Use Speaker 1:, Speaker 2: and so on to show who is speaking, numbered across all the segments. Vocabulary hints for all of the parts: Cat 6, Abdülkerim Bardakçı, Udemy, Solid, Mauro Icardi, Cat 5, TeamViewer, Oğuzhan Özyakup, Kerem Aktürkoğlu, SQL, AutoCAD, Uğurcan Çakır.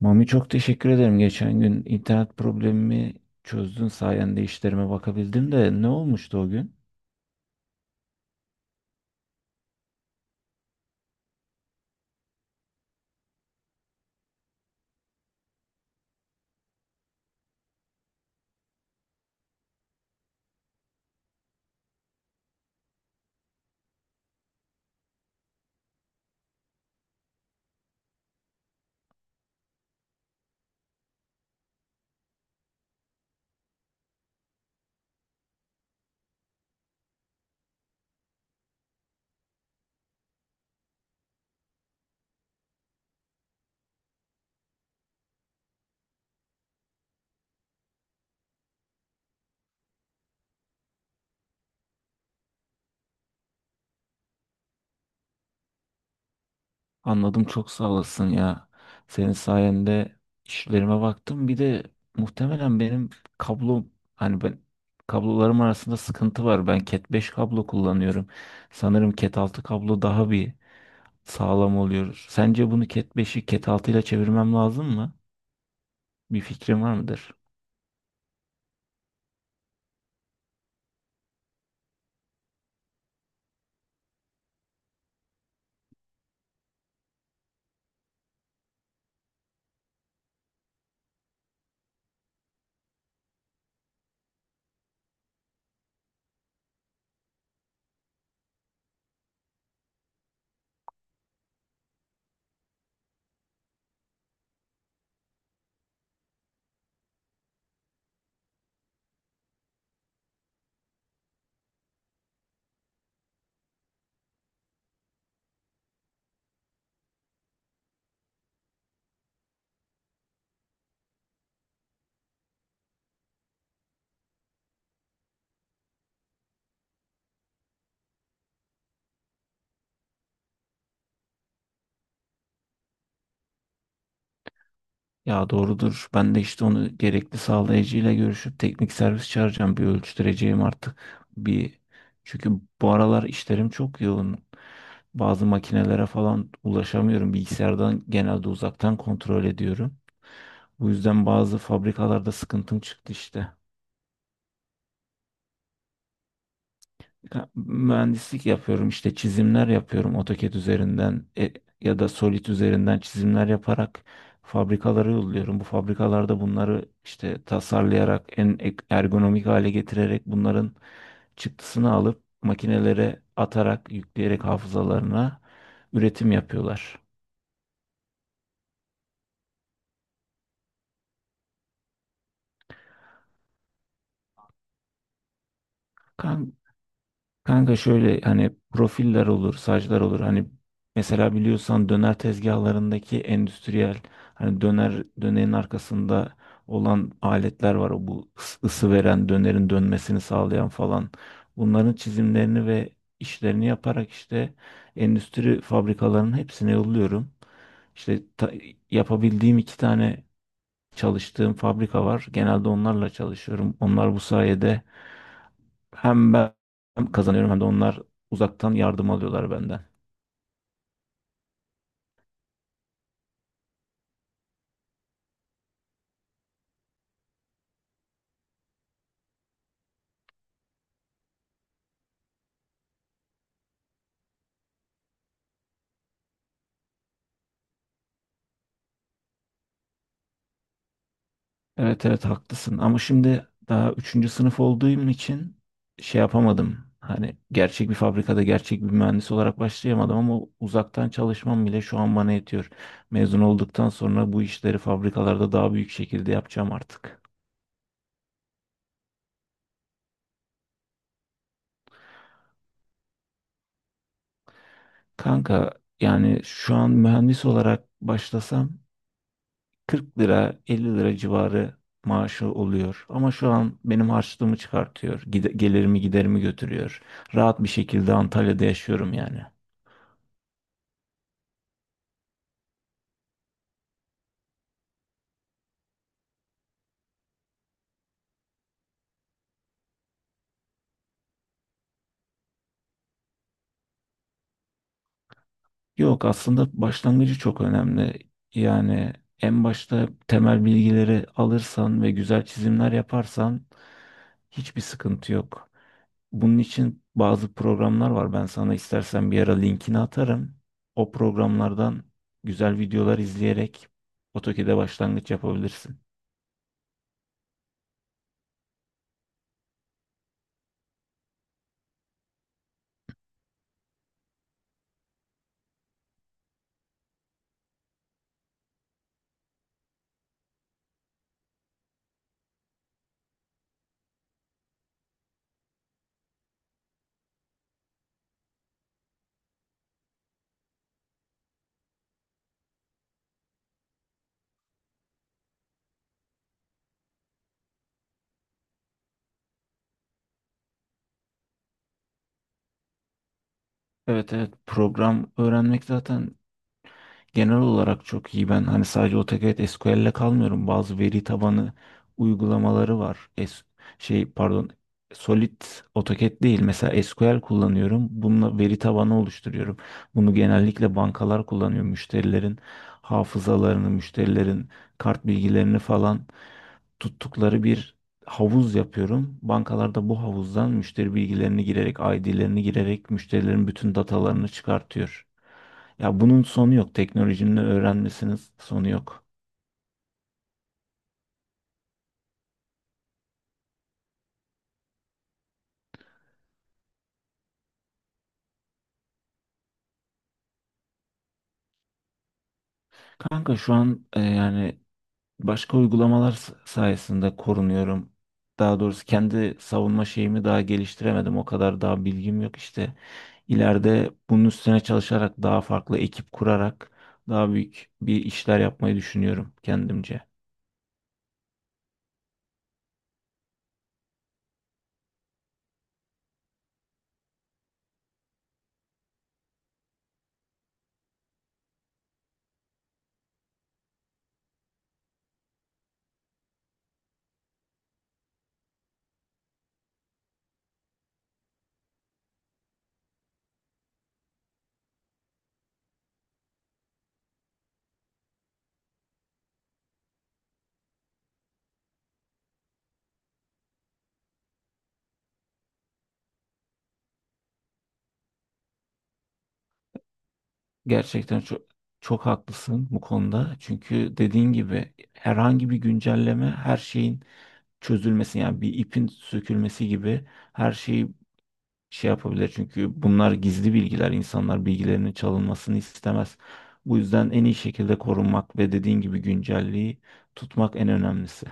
Speaker 1: Mami çok teşekkür ederim. Geçen gün internet problemimi çözdün sayende işlerime bakabildim de ne olmuştu o gün? Anladım çok sağ olasın ya. Senin sayende işlerime baktım. Bir de muhtemelen benim kablom, hani ben kablolarım arasında sıkıntı var. Ben Cat 5 kablo kullanıyorum. Sanırım Cat 6 kablo daha bir sağlam oluyor. Sence bunu Cat 5'i Cat 6 ile çevirmem lazım mı? Bir fikrin var mıdır? Ya doğrudur. Ben de işte onu gerekli sağlayıcıyla görüşüp teknik servis çağıracağım. Bir ölçtüreceğim artık. Bir çünkü bu aralar işlerim çok yoğun. Bazı makinelere falan ulaşamıyorum. Bilgisayardan genelde uzaktan kontrol ediyorum. Bu yüzden bazı fabrikalarda sıkıntım çıktı işte. Ha, mühendislik yapıyorum, işte çizimler yapıyorum AutoCAD üzerinden ya da Solid üzerinden çizimler yaparak fabrikalara yolluyorum. Bu fabrikalarda bunları işte tasarlayarak, en ergonomik hale getirerek bunların çıktısını alıp makinelere atarak, yükleyerek hafızalarına üretim yapıyorlar. Kanka şöyle, hani profiller olur, saçlar olur. Hani mesela biliyorsan döner tezgahlarındaki endüstriyel, hani döner, dönerin arkasında olan aletler var. O, bu ısı veren, dönerin dönmesini sağlayan falan. Bunların çizimlerini ve işlerini yaparak işte endüstri fabrikalarının hepsine yolluyorum. İşte ta- Yapabildiğim iki tane çalıştığım fabrika var. Genelde onlarla çalışıyorum. Onlar bu sayede hem ben kazanıyorum hem de onlar uzaktan yardım alıyorlar benden. Evet evet haklısın, ama şimdi daha üçüncü sınıf olduğum için şey yapamadım. Hani gerçek bir fabrikada gerçek bir mühendis olarak başlayamadım, ama uzaktan çalışmam bile şu an bana yetiyor. Mezun olduktan sonra bu işleri fabrikalarda daha büyük şekilde yapacağım artık. Kanka, yani şu an mühendis olarak başlasam 40 lira 50 lira civarı maaşı oluyor. Ama şu an benim harçlığımı çıkartıyor. Gelirimi giderimi götürüyor. Rahat bir şekilde Antalya'da yaşıyorum yani. Yok, aslında başlangıcı çok önemli. Yani en başta temel bilgileri alırsan ve güzel çizimler yaparsan hiçbir sıkıntı yok. Bunun için bazı programlar var. Ben sana istersen bir ara linkini atarım. O programlardan güzel videolar izleyerek AutoCAD'e başlangıç yapabilirsin. Evet evet, program öğrenmek zaten genel olarak çok iyi. Ben hani sadece AutoCAD SQL'le kalmıyorum. Bazı veri tabanı uygulamaları var. Şey, pardon, Solid, AutoCAD değil. Mesela SQL kullanıyorum. Bununla veri tabanı oluşturuyorum. Bunu genellikle bankalar kullanıyor. Müşterilerin hafızalarını, müşterilerin kart bilgilerini falan tuttukları bir havuz yapıyorum. Bankalarda bu havuzdan müşteri bilgilerini girerek, ID'lerini girerek müşterilerin bütün datalarını çıkartıyor. Ya bunun sonu yok. Teknolojinin öğrenmesinin sonu yok. Kanka şu an, yani başka uygulamalar sayesinde korunuyorum. Daha doğrusu kendi savunma şeyimi daha geliştiremedim. O kadar daha bilgim yok işte. İleride bunun üstüne çalışarak, daha farklı ekip kurarak daha büyük bir işler yapmayı düşünüyorum kendimce. Gerçekten çok çok haklısın bu konuda. Çünkü dediğin gibi herhangi bir güncelleme, her şeyin çözülmesi, yani bir ipin sökülmesi gibi her şeyi şey yapabilir. Çünkü bunlar gizli bilgiler. İnsanlar bilgilerinin çalınmasını istemez. Bu yüzden en iyi şekilde korunmak ve dediğin gibi güncelliği tutmak en önemlisi.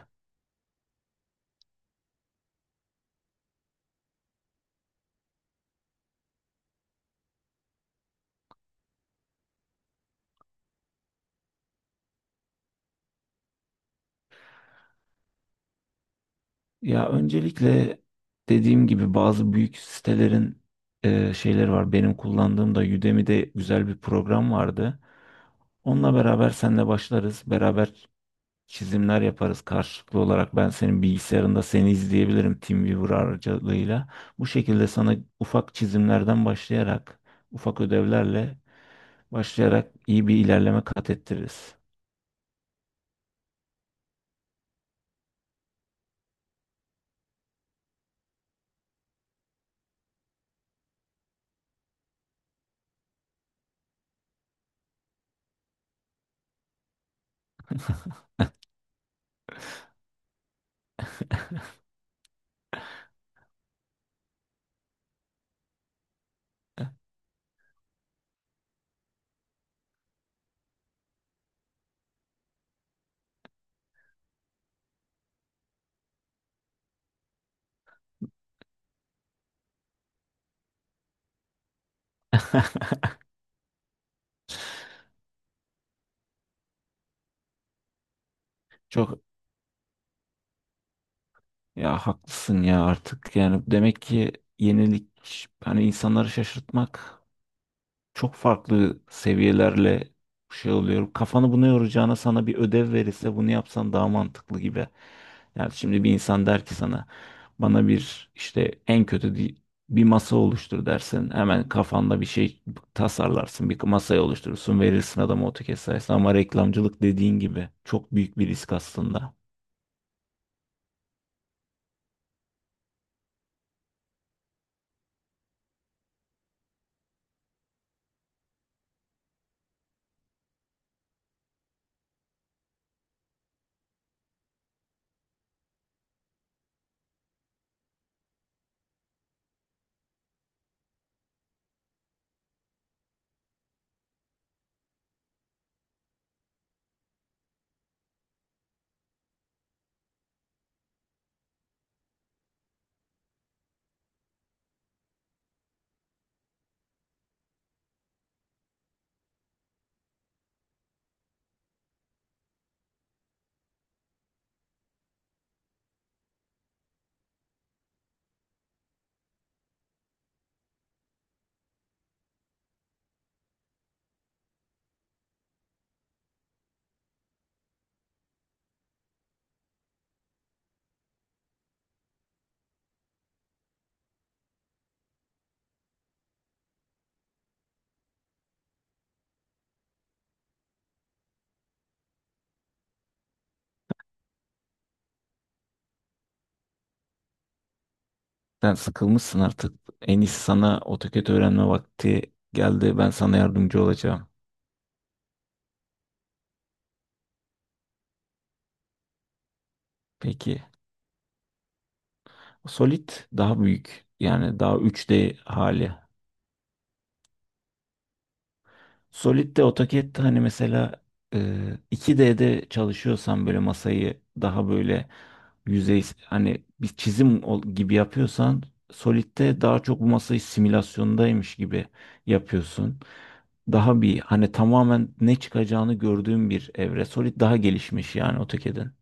Speaker 1: Ya öncelikle, dediğim gibi, bazı büyük sitelerin şeyleri var. Benim kullandığım da Udemy'de güzel bir program vardı. Onunla beraber senle başlarız. Beraber çizimler yaparız karşılıklı olarak, ben senin bilgisayarında seni izleyebilirim TeamViewer aracılığıyla. Bu şekilde sana ufak çizimlerden başlayarak, ufak ödevlerle başlayarak iyi bir ilerleme kat ettiririz. Çok, ya haklısın ya, artık yani demek ki yenilik, hani insanları şaşırtmak çok farklı seviyelerle şey oluyor. Kafanı buna yoracağına sana bir ödev verirse bunu yapsan daha mantıklı gibi. Yani şimdi bir insan der ki sana, bana bir işte en kötü bir masa oluştur dersin. Hemen kafanda bir şey tasarlarsın. Bir masayı oluşturursun. Verirsin adama AutoCAD sayesinde. Ama reklamcılık dediğin gibi çok büyük bir risk aslında. Sen sıkılmışsın artık. En iyisi, sana AutoCAD öğrenme vakti geldi. Ben sana yardımcı olacağım. Peki. Solid daha büyük. Yani daha üç d hali. Solid'de AutoCAD, hani mesela e, 2D'de çalışıyorsan böyle masayı daha böyle yüzey, hani bir çizim gibi yapıyorsan, Solid'de daha çok bu masayı simülasyondaymış gibi yapıyorsun. Daha bir hani tamamen ne çıkacağını gördüğün bir evre. Solid daha gelişmiş yani AutoCAD'in.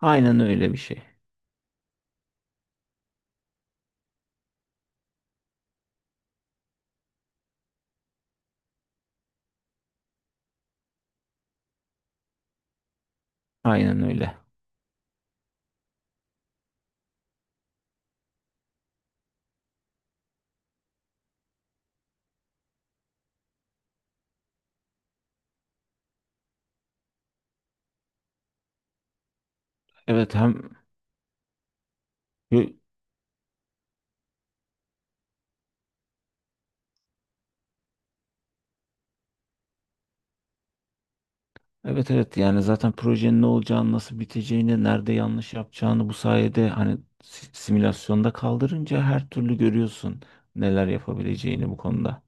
Speaker 1: Aynen öyle bir şey. Aynen öyle. Evet, hem evet evet, yani zaten projenin ne olacağını, nasıl biteceğini, nerede yanlış yapacağını bu sayede, hani simülasyonda kaldırınca her türlü görüyorsun neler yapabileceğini bu konuda.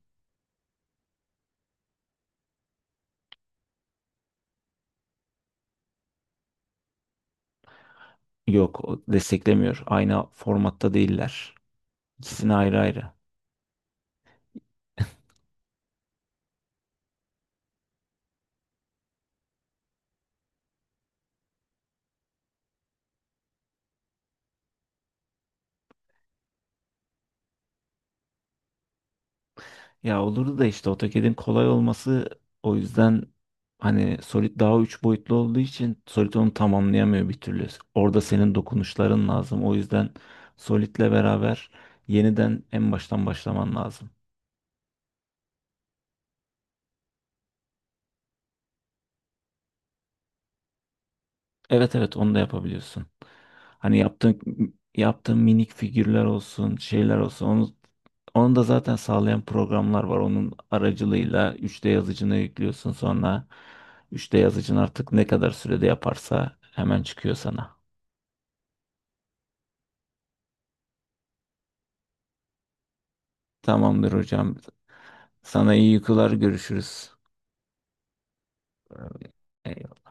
Speaker 1: Yok, o desteklemiyor. Aynı formatta değiller. İkisini ayrı ayrı. Ya olurdu da, işte AutoCAD'in kolay olması o yüzden, hani Solid daha üç boyutlu olduğu için Solid onu tamamlayamıyor bir türlü. Orada senin dokunuşların lazım. O yüzden Solid'le beraber yeniden en baştan başlaman lazım. Evet evet, onu da yapabiliyorsun. Hani yaptığın minik figürler olsun, şeyler olsun. Onu da zaten sağlayan programlar var. Onun aracılığıyla 3D yazıcına yüklüyorsun. Sonra 3D yazıcın artık ne kadar sürede yaparsa hemen çıkıyor sana. Tamamdır hocam. Sana iyi uykular, görüşürüz. Eyvallah.